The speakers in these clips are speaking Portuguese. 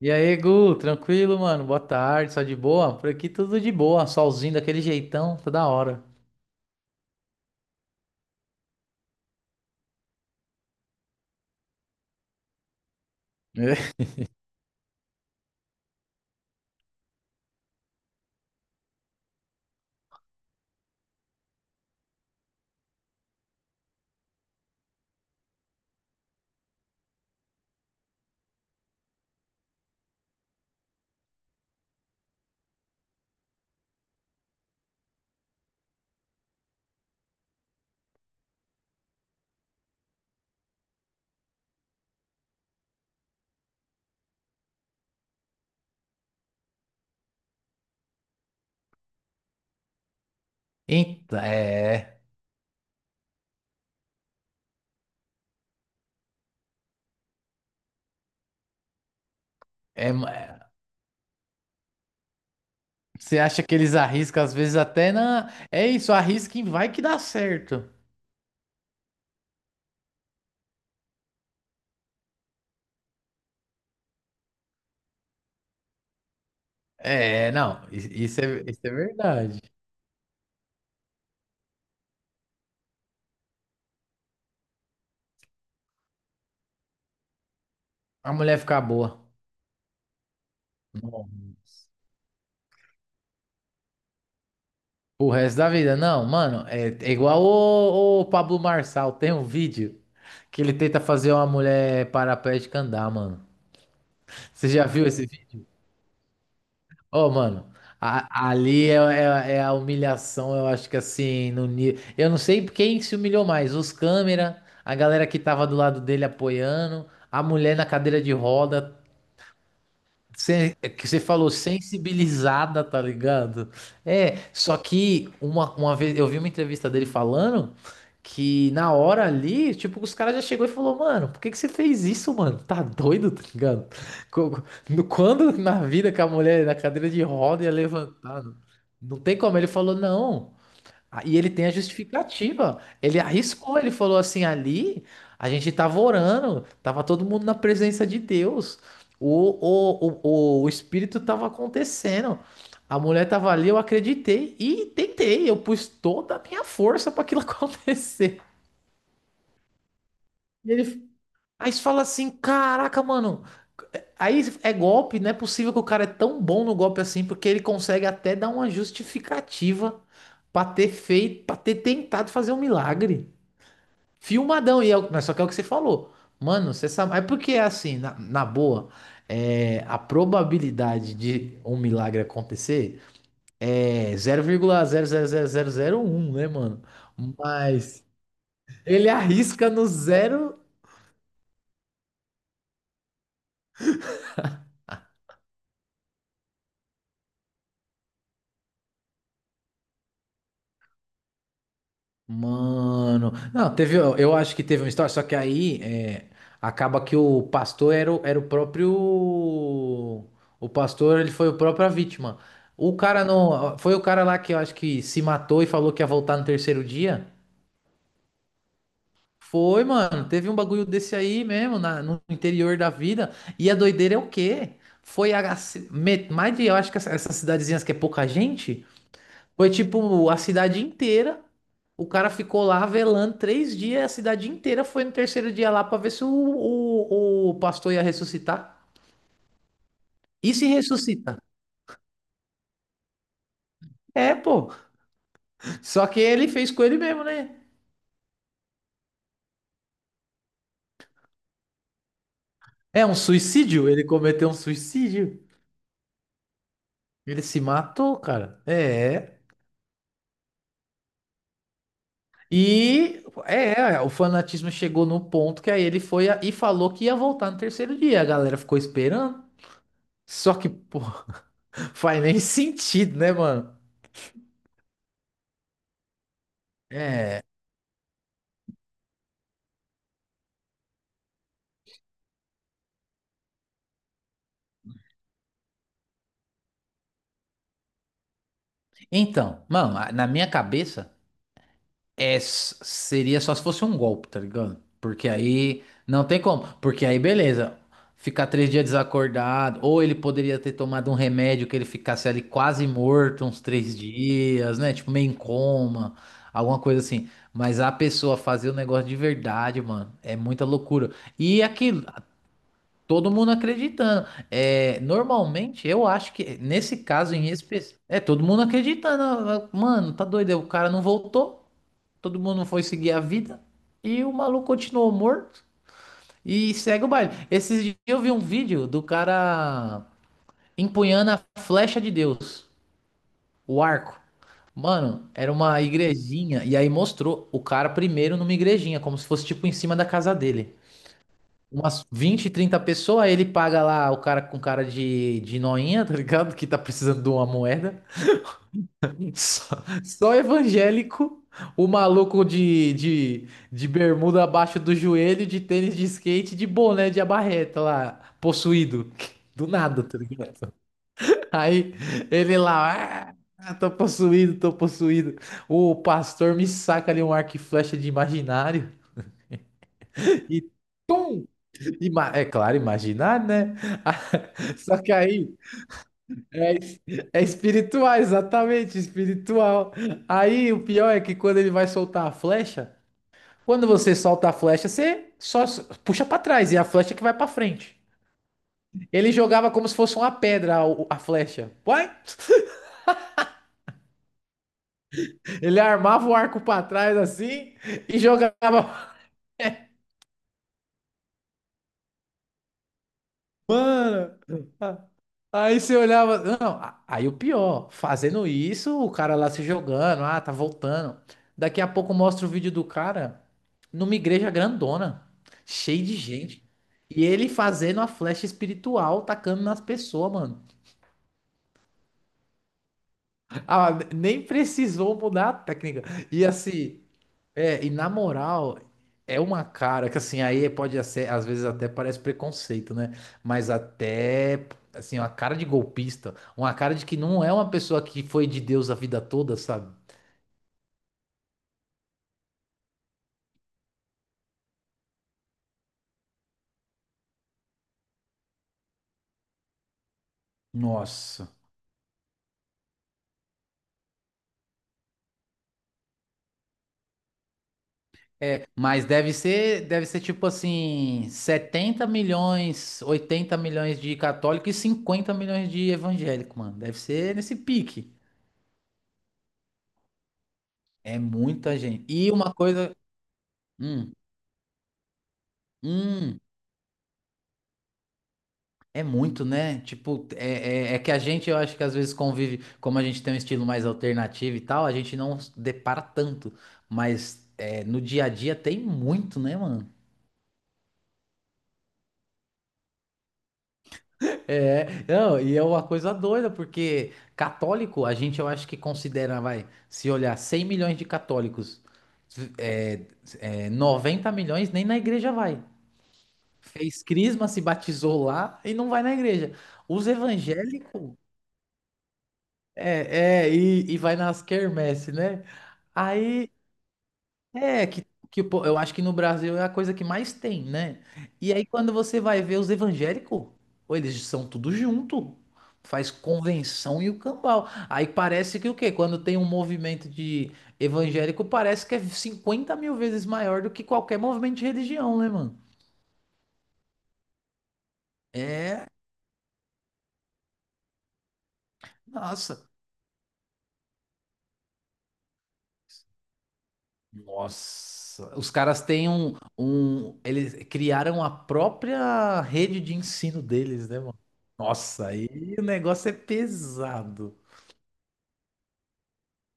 E aí, Gu, tranquilo, mano? Boa tarde, só de boa? Por aqui tudo de boa, solzinho daquele jeitão, tá da hora. Eita, é, é, ma- Você acha que eles arriscam, às vezes até na. É isso, arrisca e vai que dá certo. É, não, isso é verdade. A mulher ficar boa. Não. O resto da vida, não, mano, é igual o Pablo Marçal, tem um vídeo que ele tenta fazer uma mulher paraplégica andar, mano. Você já viu esse vídeo? Ô, mano, ali é a humilhação, eu acho que assim, no nível. Eu não sei quem se humilhou mais, os câmera, a galera que tava do lado dele apoiando, a mulher na cadeira de roda, é que você falou sensibilizada, tá ligado? É, só que uma vez eu vi uma entrevista dele falando que na hora ali, tipo, os caras já chegou e falou, mano, por que que você fez isso, mano? Tá doido, tá ligado? Co- Quando na vida que a mulher na cadeira de roda ia levantar, não tem como. Ele falou, não. Ah, e ele tem a justificativa. Ele arriscou, ele falou assim: ali a gente estava orando, estava todo mundo na presença de Deus. O, o espírito estava acontecendo. A mulher estava ali, eu acreditei e tentei. Eu pus toda a minha força para aquilo acontecer. E ele, aí você fala assim: caraca, mano. Aí é golpe, não é possível que o cara é tão bom no golpe assim, porque ele consegue até dar uma justificativa para ter feito, para ter tentado fazer um milagre. Filmadão, e é, mas só que é o que você falou. Mano, você sabe. Mas porque é assim, na boa, é, a probabilidade de um milagre acontecer é zero vírgula zero zero zero zero vírgula um, né, mano? Mas ele arrisca no zero. Mano, não, teve, eu acho que teve uma história, só que aí é, acaba que o pastor era, era o próprio, o pastor, ele foi o próprio a vítima. O cara não, foi o cara lá que eu acho que se matou e falou que ia voltar no terceiro dia? Foi, mano, teve um bagulho desse aí mesmo, no interior da vida, e a doideira é o quê? Foi a, mais de, eu acho que essas cidadezinhas que é pouca gente, foi tipo a cidade inteira. O cara ficou lá velando 3 dias, a cidade inteira foi no terceiro dia lá pra ver se o pastor ia ressuscitar. E se ressuscita? É, pô. Só que ele fez com ele mesmo, né? É um suicídio, ele cometeu um suicídio. Ele se matou, cara. É. E o fanatismo chegou no ponto que aí ele foi e falou que ia voltar no terceiro dia. A galera ficou esperando. Só que, pô, faz nem sentido, né, mano? Então, mano, na minha cabeça é, seria só se fosse um golpe, tá ligado? Porque aí não tem como. Porque aí, beleza, ficar 3 dias desacordado, ou ele poderia ter tomado um remédio que ele ficasse ali quase morto uns 3 dias, né? Tipo, meio em coma, alguma coisa assim. Mas a pessoa fazer o negócio de verdade, mano, é muita loucura. E aquilo, todo mundo acreditando. É, normalmente, eu acho que nesse caso em específico. É, todo mundo acreditando. Ah, ah, mano, tá doido. O cara não voltou. Todo mundo foi seguir a vida. E o maluco continuou morto. E segue o baile. Esses dias eu vi um vídeo do cara empunhando a flecha de Deus, o arco. Mano, era uma igrejinha. E aí mostrou o cara primeiro numa igrejinha, como se fosse tipo em cima da casa dele, umas 20, 30 pessoas, ele paga lá o cara com cara de noinha, tá ligado? Que tá precisando de uma moeda. Só, só evangélico, o maluco de bermuda abaixo do joelho, de tênis de skate, de boné de abarreta lá, possuído. Do nada, tá ligado? Aí ele lá, ah, tô possuído, tô possuído. O pastor me saca ali um arco e flecha de imaginário. E é claro, imaginar, né? Só que aí é, es- é espiritual, exatamente, espiritual. Aí o pior é que quando ele vai soltar a flecha, quando você solta a flecha, você só puxa pra trás e é a flecha que vai pra frente. Ele jogava como se fosse uma pedra a, a flecha. Uai! Ele armava o arco pra trás assim e jogava. Mano, a- aí você olhava. Não, aí o pior, fazendo isso, o cara lá se jogando, ah, tá voltando. Daqui a pouco mostra o vídeo do cara numa igreja grandona, cheio de gente. E ele fazendo a flecha espiritual, tacando nas pessoas, mano. Ah, nem precisou mudar a técnica. E assim, é, e na moral, é uma cara que assim, aí pode ser, às vezes até parece preconceito, né? Mas até, assim, uma cara de golpista, uma cara de que não é uma pessoa que foi de Deus a vida toda, sabe? Nossa. É, mas deve ser tipo assim, 70 milhões, 80 milhões de católico e 50 milhões de evangélico, mano. Deve ser nesse pique. É muita gente. E uma coisa, hum, hum, é muito, né? Tipo, é que a gente, eu acho que às vezes convive, como a gente tem um estilo mais alternativo e tal, a gente não se depara tanto. Mas é, no dia a dia tem muito, né, mano? É, não, e é uma coisa doida, porque católico, a gente, eu acho que considera, vai, se olhar 100 milhões de católicos, é, 90 milhões nem na igreja vai. Fez crisma, se batizou lá e não vai na igreja. Os evangélicos. É, é, e vai nas quermesse, né? Aí, é, que eu acho que no Brasil é a coisa que mais tem, né? E aí quando você vai ver os evangélicos, pô, eles são tudo junto, faz convenção e o cambau. Aí parece que o quê? Quando tem um movimento de evangélico, parece que é 50 mil vezes maior do que qualquer movimento de religião, né, mano? É, nossa, nossa, os caras têm um. Eles criaram a própria rede de ensino deles, né, mano? Nossa, aí o negócio é pesado.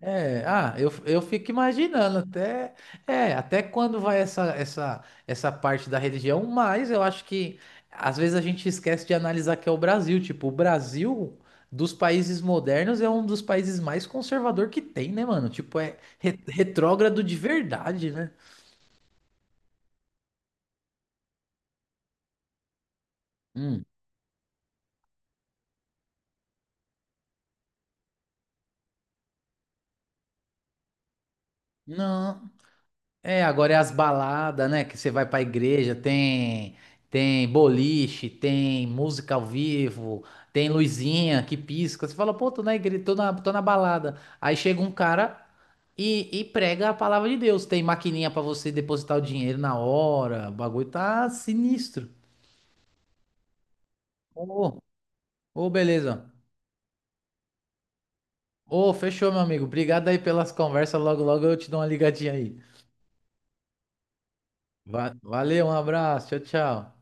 É, ah, eu fico imaginando até, é, até quando vai essa parte da religião, mas eu acho que às vezes a gente esquece de analisar que é o Brasil. Tipo, o Brasil, dos países modernos, é um dos países mais conservador que tem, né, mano? Tipo, é retrógrado de verdade, né? Hum. Não. É, agora é as baladas, né? Que você vai pra igreja, tem boliche, tem música ao vivo, tem luzinha que pisca. Você fala, pô, tô na igreja, tô na balada. Aí chega um cara e prega a palavra de Deus. Tem maquininha pra você depositar o dinheiro na hora. O bagulho tá sinistro. Ô, ô, beleza. Ô, fechou, meu amigo. Obrigado aí pelas conversas. Logo, logo eu te dou uma ligadinha aí. Valeu, um abraço. Tchau, tchau.